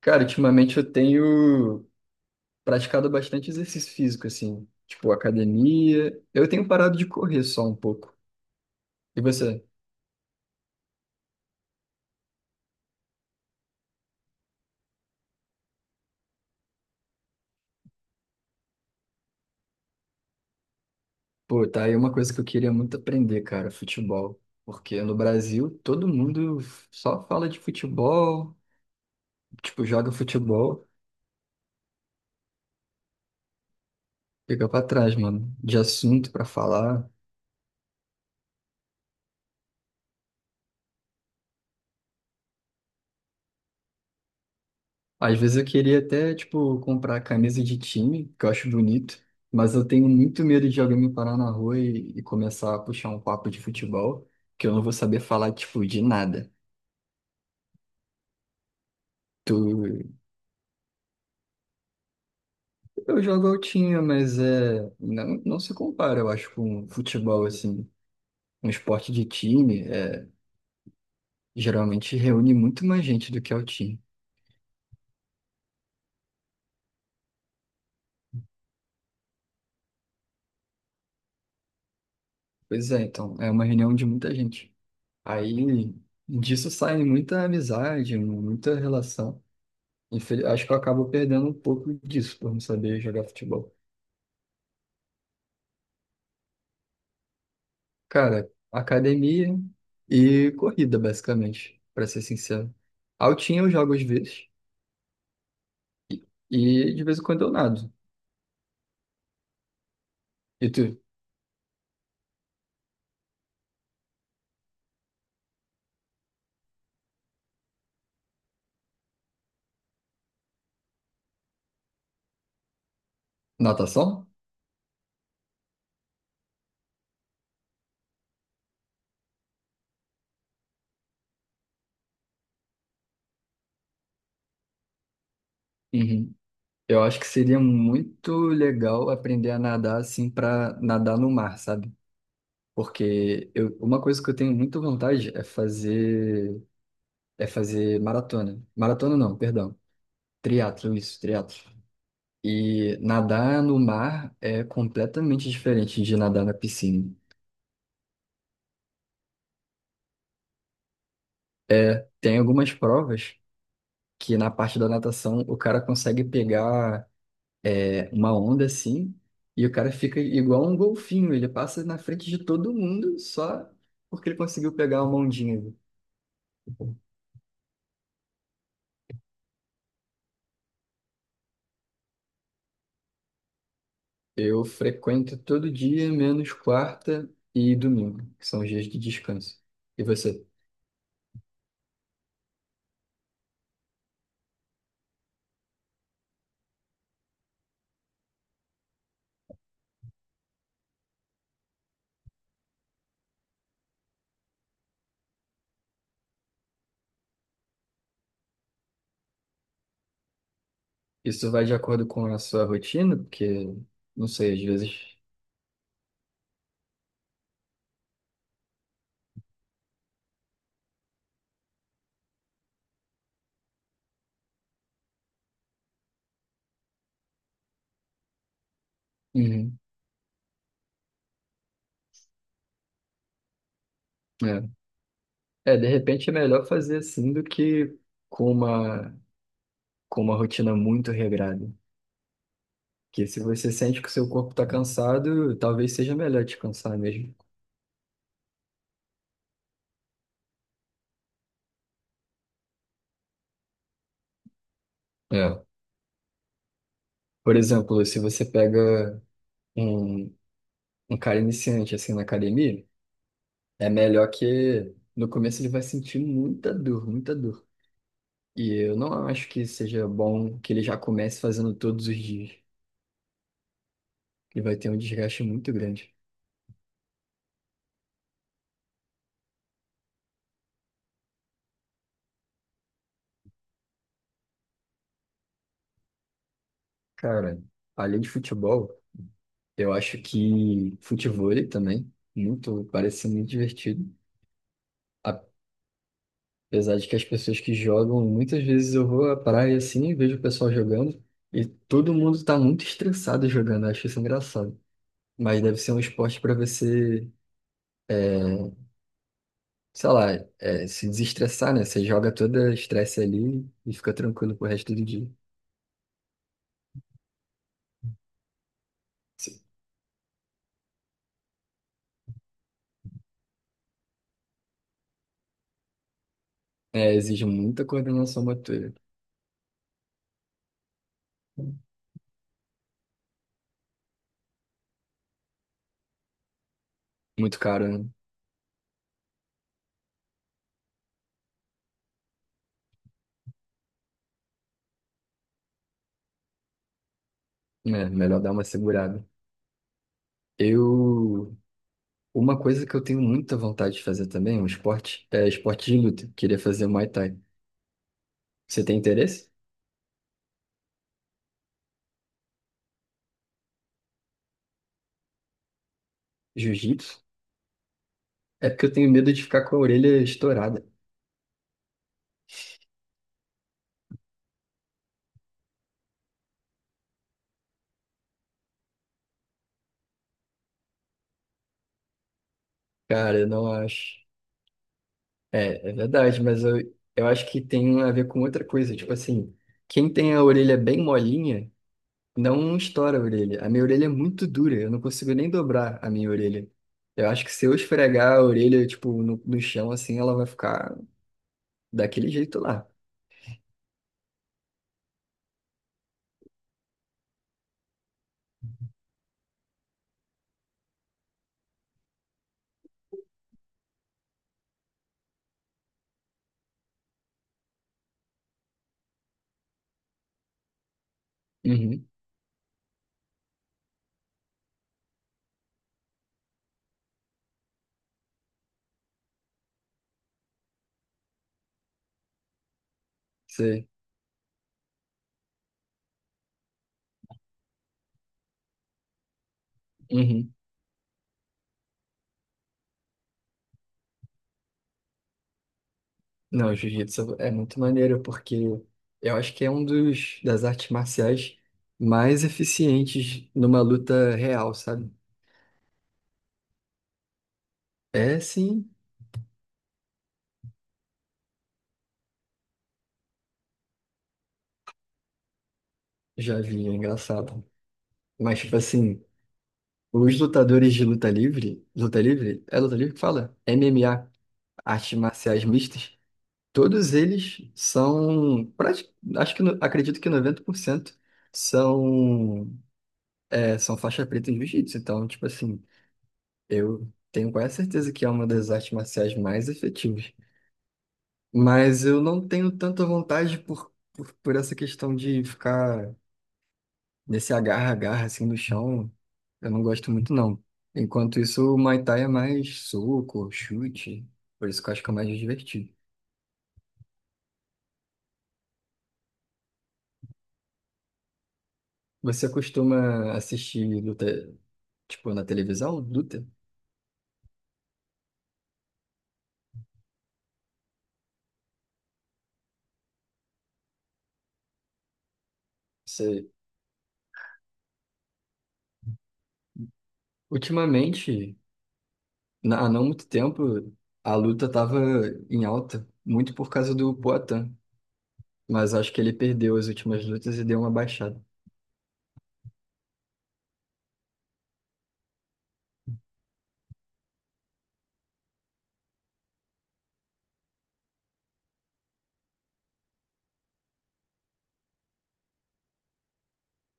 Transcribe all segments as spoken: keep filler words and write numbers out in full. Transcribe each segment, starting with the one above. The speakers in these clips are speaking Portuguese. Cara, ultimamente eu tenho praticado bastante exercício físico, assim, tipo academia. Eu tenho parado de correr só um pouco. E você? Pô, tá aí uma coisa que eu queria muito aprender, cara, futebol. Porque no Brasil todo mundo só fala de futebol, tipo, joga futebol, fica pra trás, mano, de assunto pra falar. Às vezes eu queria até, tipo, comprar camisa de time, que eu acho bonito, mas eu tenho muito medo de alguém me parar na rua e, e começar a puxar um papo de futebol, que eu não vou saber falar, tipo, de nada. Tu... Eu jogo altinha, mas é... não, não se compara, eu acho, com futebol, assim. Um esporte de time é, geralmente reúne muito mais gente do que altinha. Pois é, então, é uma reunião de muita gente. Aí disso sai muita amizade, muita relação. Infel- Acho que eu acabo perdendo um pouco disso por não saber jogar futebol. Cara, academia e corrida, basicamente, pra ser sincero. Altinha eu jogo às vezes e e de vez em quando eu nado. E tu? Natação? Uhum. Eu acho que seria muito legal aprender a nadar assim pra nadar no mar, sabe? Porque eu, uma coisa que eu tenho muita vontade é fazer é fazer maratona. Maratona não, perdão. Triatlo, isso, triatlo. E nadar no mar é completamente diferente de nadar na piscina. Tem algumas provas que na parte da natação o cara consegue pegar é, uma onda assim e o cara fica igual um golfinho, ele passa na frente de todo mundo só porque ele conseguiu pegar uma ondinha. Eu frequento todo dia, menos quarta e domingo, que são os dias de descanso. E você? Isso vai de acordo com a sua rotina? Porque, não sei, às vezes. Uhum. É. É, de repente é melhor fazer assim do que com uma, com uma rotina muito regrada. Porque se você sente que o seu corpo está cansado, talvez seja melhor descansar mesmo. É. Por exemplo, se você pega um, um cara iniciante assim na academia, é melhor que no começo ele vai sentir muita dor, muita dor. E eu não acho que seja bom que ele já comece fazendo todos os dias. Ele vai ter um desgaste muito grande. Cara, além de futebol. Eu acho que futevôlei também, muito, parece ser muito divertido. Apesar de que as pessoas que jogam, muitas vezes eu vou à praia assim e vejo o pessoal jogando e todo mundo tá muito estressado jogando, eu acho isso engraçado. Mas deve ser um esporte para você, sei lá, é, se desestressar, né? Você joga todo o estresse ali e fica tranquilo pro resto do dia. Se- É, exige muita coordenação motora. Muito caro, né? É, melhor dar uma segurada. Eu Uma coisa que eu tenho muita vontade de fazer também, um esporte, é esporte de luta. Queria fazer Muay Thai. Você tem interesse? Jiu-jitsu? É porque eu tenho medo de ficar com a orelha estourada. Cara, eu não acho. É, é verdade, mas eu, eu acho que tem a ver com outra coisa. Tipo assim, quem tem a orelha bem molinha, não estoura a orelha. A minha orelha é muito dura, eu não consigo nem dobrar a minha orelha. Eu acho que se eu esfregar a orelha, tipo, no, no chão, assim, ela vai ficar daquele jeito lá. Uhum, sei. Uhum. Não, o jiu-jitsu é muito maneiro, porque eu acho que é um dos das artes marciais mais eficientes numa luta real, sabe? É sim, já vi, é engraçado. Mas, tipo assim, os lutadores de luta livre, luta livre? É luta livre que fala? M M A, artes marciais mistas, todos eles são, prati- acho que, no- acredito que noventa por cento são, é, são faixa preta em jiu-jitsu. Então, tipo assim. Eu tenho quase certeza que é uma das artes marciais mais efetivas. Mas eu não tenho tanta vontade por, por, por essa questão de ficar nesse agarra-agarra assim no chão. Eu não gosto muito, não. Enquanto isso, o Muay Thai é mais soco, chute. Por isso que eu acho que é mais divertido. Você costuma assistir luta, tipo, na televisão, luta? Você... Ultimamente, na- há não muito tempo, a luta estava em alta, muito por causa do Poatan. Mas acho que ele perdeu as últimas lutas e deu uma baixada.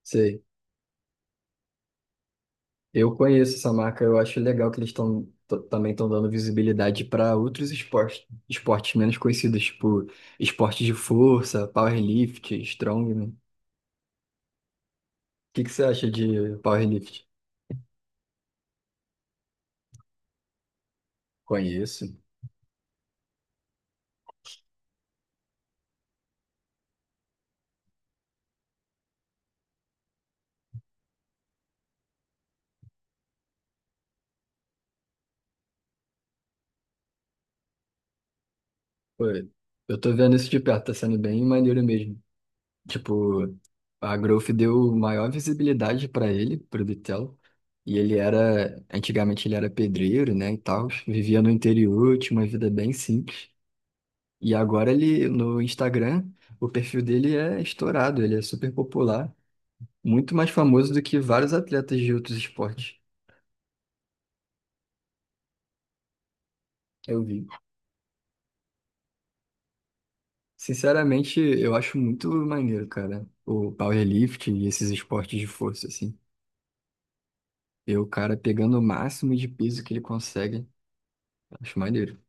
Sei. Eu conheço essa marca, eu acho legal que eles estão também estão dando visibilidade para outros esportes, esportes menos conhecidos, tipo esportes de força, powerlift, strongman. O que que você acha de powerlift? Conheço. Pô, eu tô vendo isso de perto, tá sendo bem maneiro mesmo. Tipo, a Growth deu maior visibilidade para ele, pro Bitelo. E ele era, antigamente ele era pedreiro, né, e tal, vivia no interior, tinha uma vida bem simples. E agora ele, no Instagram, o perfil dele é estourado, ele é super popular, muito mais famoso do que vários atletas de outros esportes. Eu vi. Sinceramente, eu acho muito maneiro, cara, o powerlifting e esses esportes de força, assim. Ver o cara pegando o máximo de peso que ele consegue, acho maneiro.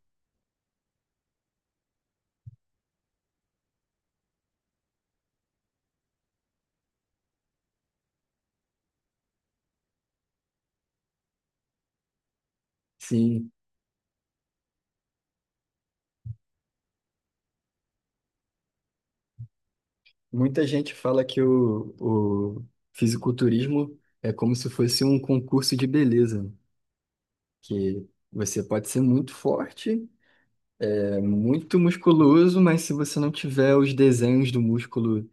Sim, muita gente fala que o, o fisiculturismo é como se fosse um concurso de beleza, que você pode ser muito forte, é muito musculoso, mas se você não tiver os desenhos do músculo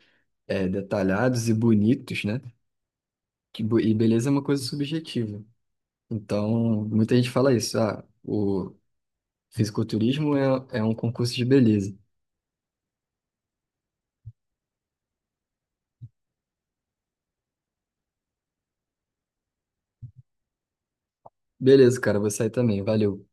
é, detalhados e bonitos, né? Que bo- E beleza é uma coisa subjetiva. Então, muita gente fala isso, ah, o fisiculturismo é, é um concurso de beleza. Beleza, cara, vou sair também, valeu.